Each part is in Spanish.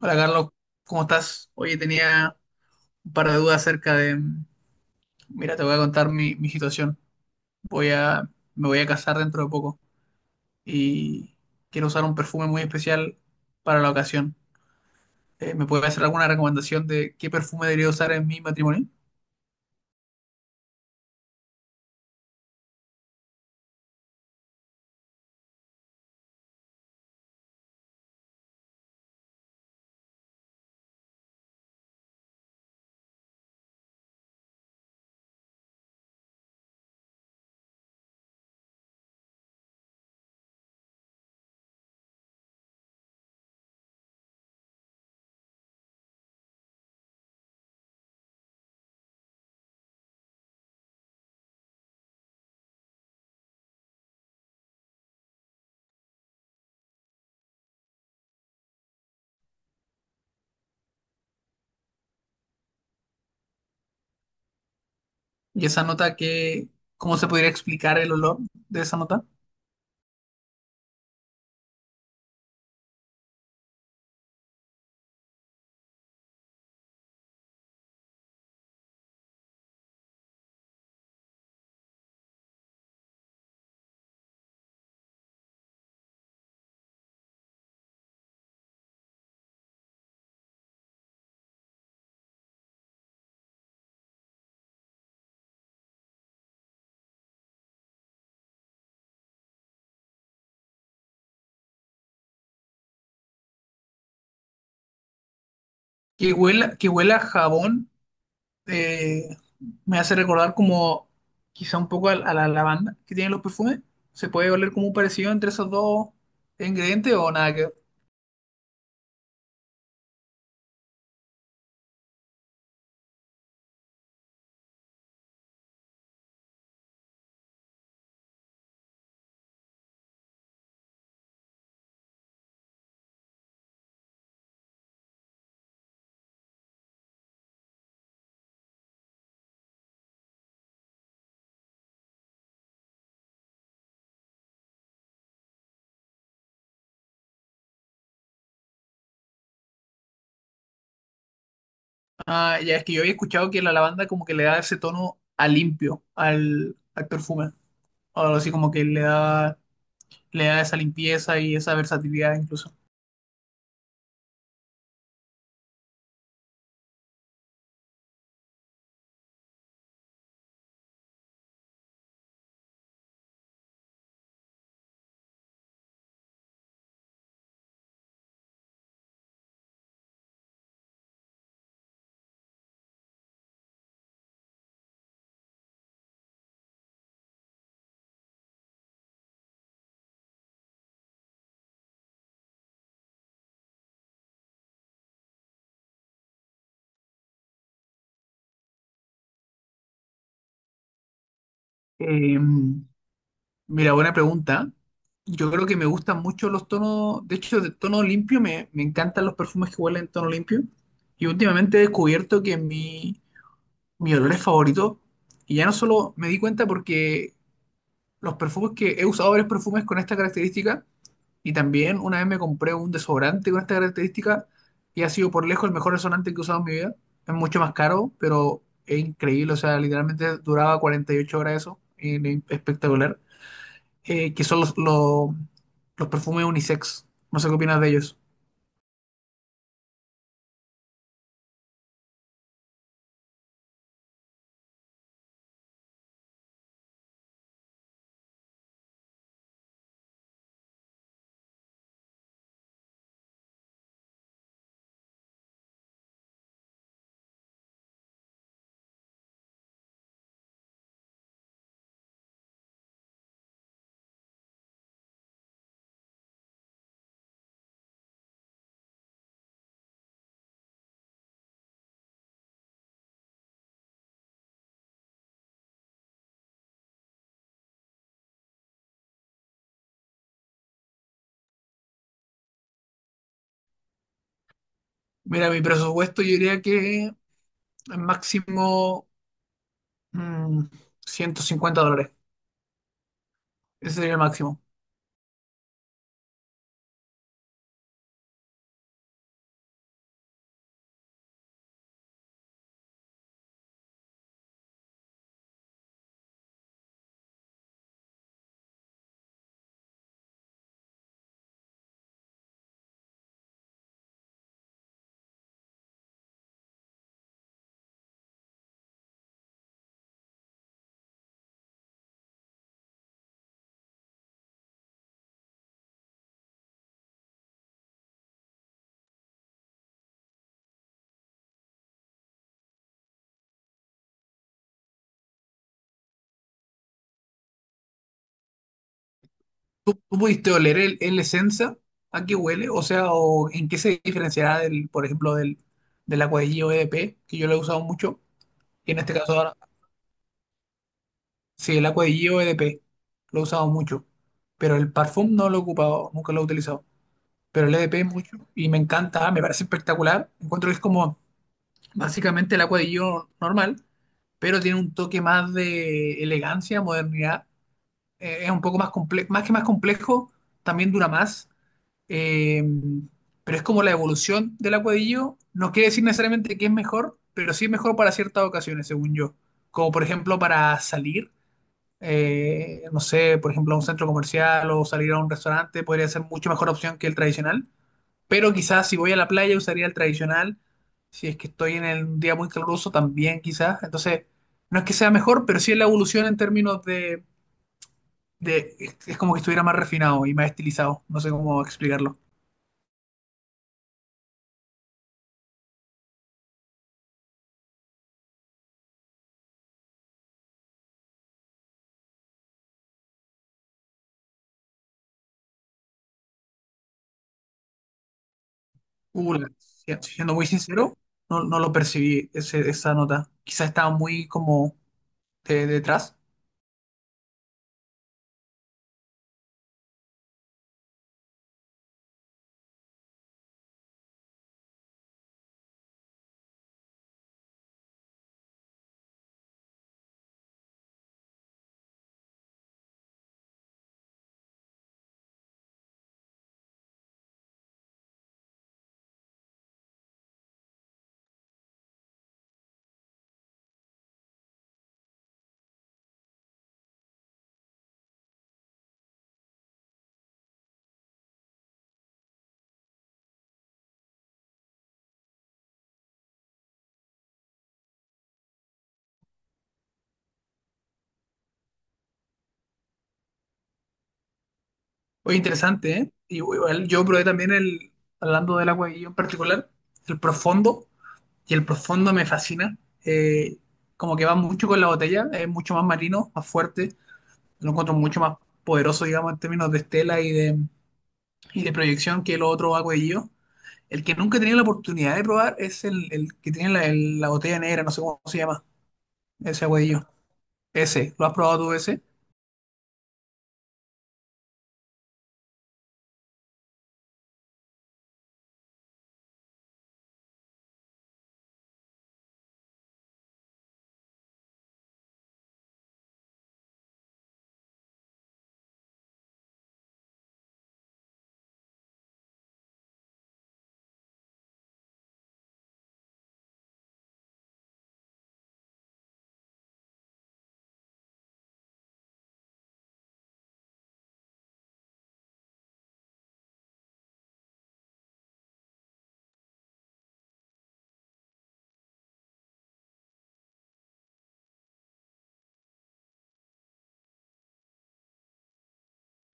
Hola Carlos, ¿cómo estás? Oye, tenía un par de dudas acerca de... Mira, te voy a contar mi situación. Voy a, Me voy a casar dentro de poco y quiero usar un perfume muy especial para la ocasión. ¿me puedes hacer alguna recomendación de qué perfume debería usar en mi matrimonio? Y esa nota, que, ¿cómo se podría explicar el olor de esa nota? Que huela a jabón eh, me hace recordar como quizá un poco a la lavanda que tienen los perfumes. ¿Se puede oler como un parecido entre esos dos ingredientes o nada que ver? Ah, ya es que yo había escuchado que la lavanda como que le da ese tono a limpio al perfume. O algo así como que le da esa limpieza y esa versatilidad incluso. Eh, Mira, buena pregunta. Yo creo que me gustan mucho los tonos, de hecho, de tono limpio, me encantan los perfumes que huelen en tono limpio. Y últimamente he descubierto que mis olores favoritos. Y ya no solo me di cuenta porque los perfumes que he usado varios perfumes con esta característica. Y también una vez me compré un desodorante con esta característica y ha sido por lejos el mejor desodorante que he usado en mi vida. Es mucho más caro, pero es increíble. O sea, literalmente duraba 48 horas eso, y es espectacular. Que son Los perfumes unisex. No sé qué opinas de ellos. Mira, mi presupuesto yo diría que máximo mm, 150 dólares. Ese sería el máximo. ¿Tú pudiste oler el esencia? ¿A qué huele? O sea, o ¿en qué se diferenciará del, por ejemplo, del, del agua de Gio EDP, que yo lo he usado mucho? Y en este caso ahora, sí, el agua de Gio EDP lo he usado mucho. Pero el parfum no lo he ocupado, nunca lo he utilizado. Pero el EDP mucho y me encanta, me parece espectacular. Encuentro que es como básicamente el agua de Gio normal, pero tiene un toque más de elegancia, modernidad. Es un poco más complejo, más complejo, también dura más. Eh, pero es como la evolución del acuadillo. No quiere decir necesariamente que es mejor, pero sí es mejor para ciertas ocasiones, según yo. Como por ejemplo para salir, no sé, por ejemplo a un centro comercial o salir a un restaurante podría ser mucho mejor opción que el tradicional. Pero quizás si voy a la playa usaría el tradicional. Si es que estoy en el- un día muy caluroso también quizás. Entonces, no es que sea mejor, pero sí es la evolución en términos de- es como que estuviera más refinado y más estilizado. No sé cómo explicarlo. Siendo muy sincero, no, no lo percibí esa nota. Quizás estaba muy como detrás. Oye, interesante, ¿eh? Y, igual yo probé también el, Hablando del agua y yo en particular, el profundo. Y el profundo me fascina. Eh, Como que va mucho con la botella, es mucho más marino, más fuerte. Lo encuentro mucho más poderoso, digamos, en términos de estela y de proyección que el otro agua y yo. El que nunca he tenido la oportunidad de probar es el que tiene la botella negra, no sé cómo se llama, ese agua. Ese, ¿lo has probado tú ese?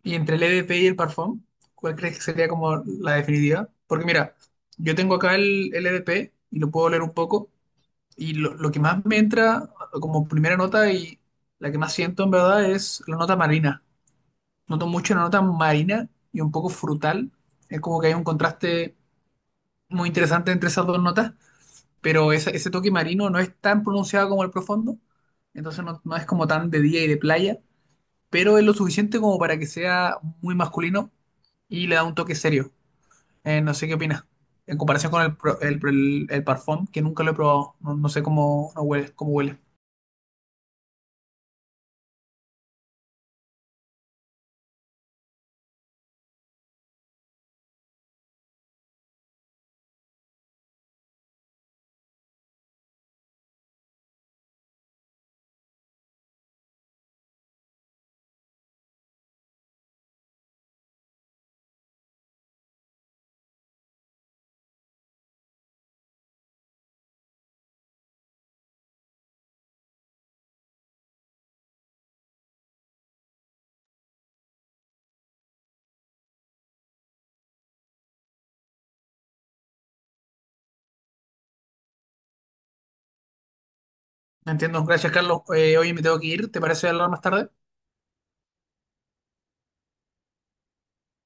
Y entre el EDP y el Parfum, ¿cuál crees que sería como la definitiva? Porque mira, yo tengo acá el EDP y lo puedo leer un poco y lo que más me entra como primera nota y la que más siento en verdad es la nota marina. Noto mucho la nota marina y un poco frutal. Es como que hay un contraste muy interesante entre esas dos notas, pero ese toque marino no es tan pronunciado como el profundo, entonces no, no es como tan de día y de playa, pero es lo suficiente como para que sea muy masculino y le da un toque serio. No sé qué opinas. En comparación con el, pro- el parfum, que nunca lo he probado. No, no sé cómo, no huele, cómo huele. No entiendo. Gracias, Carlos. Oye, me tengo que ir. ¿Te parece hablar más tarde?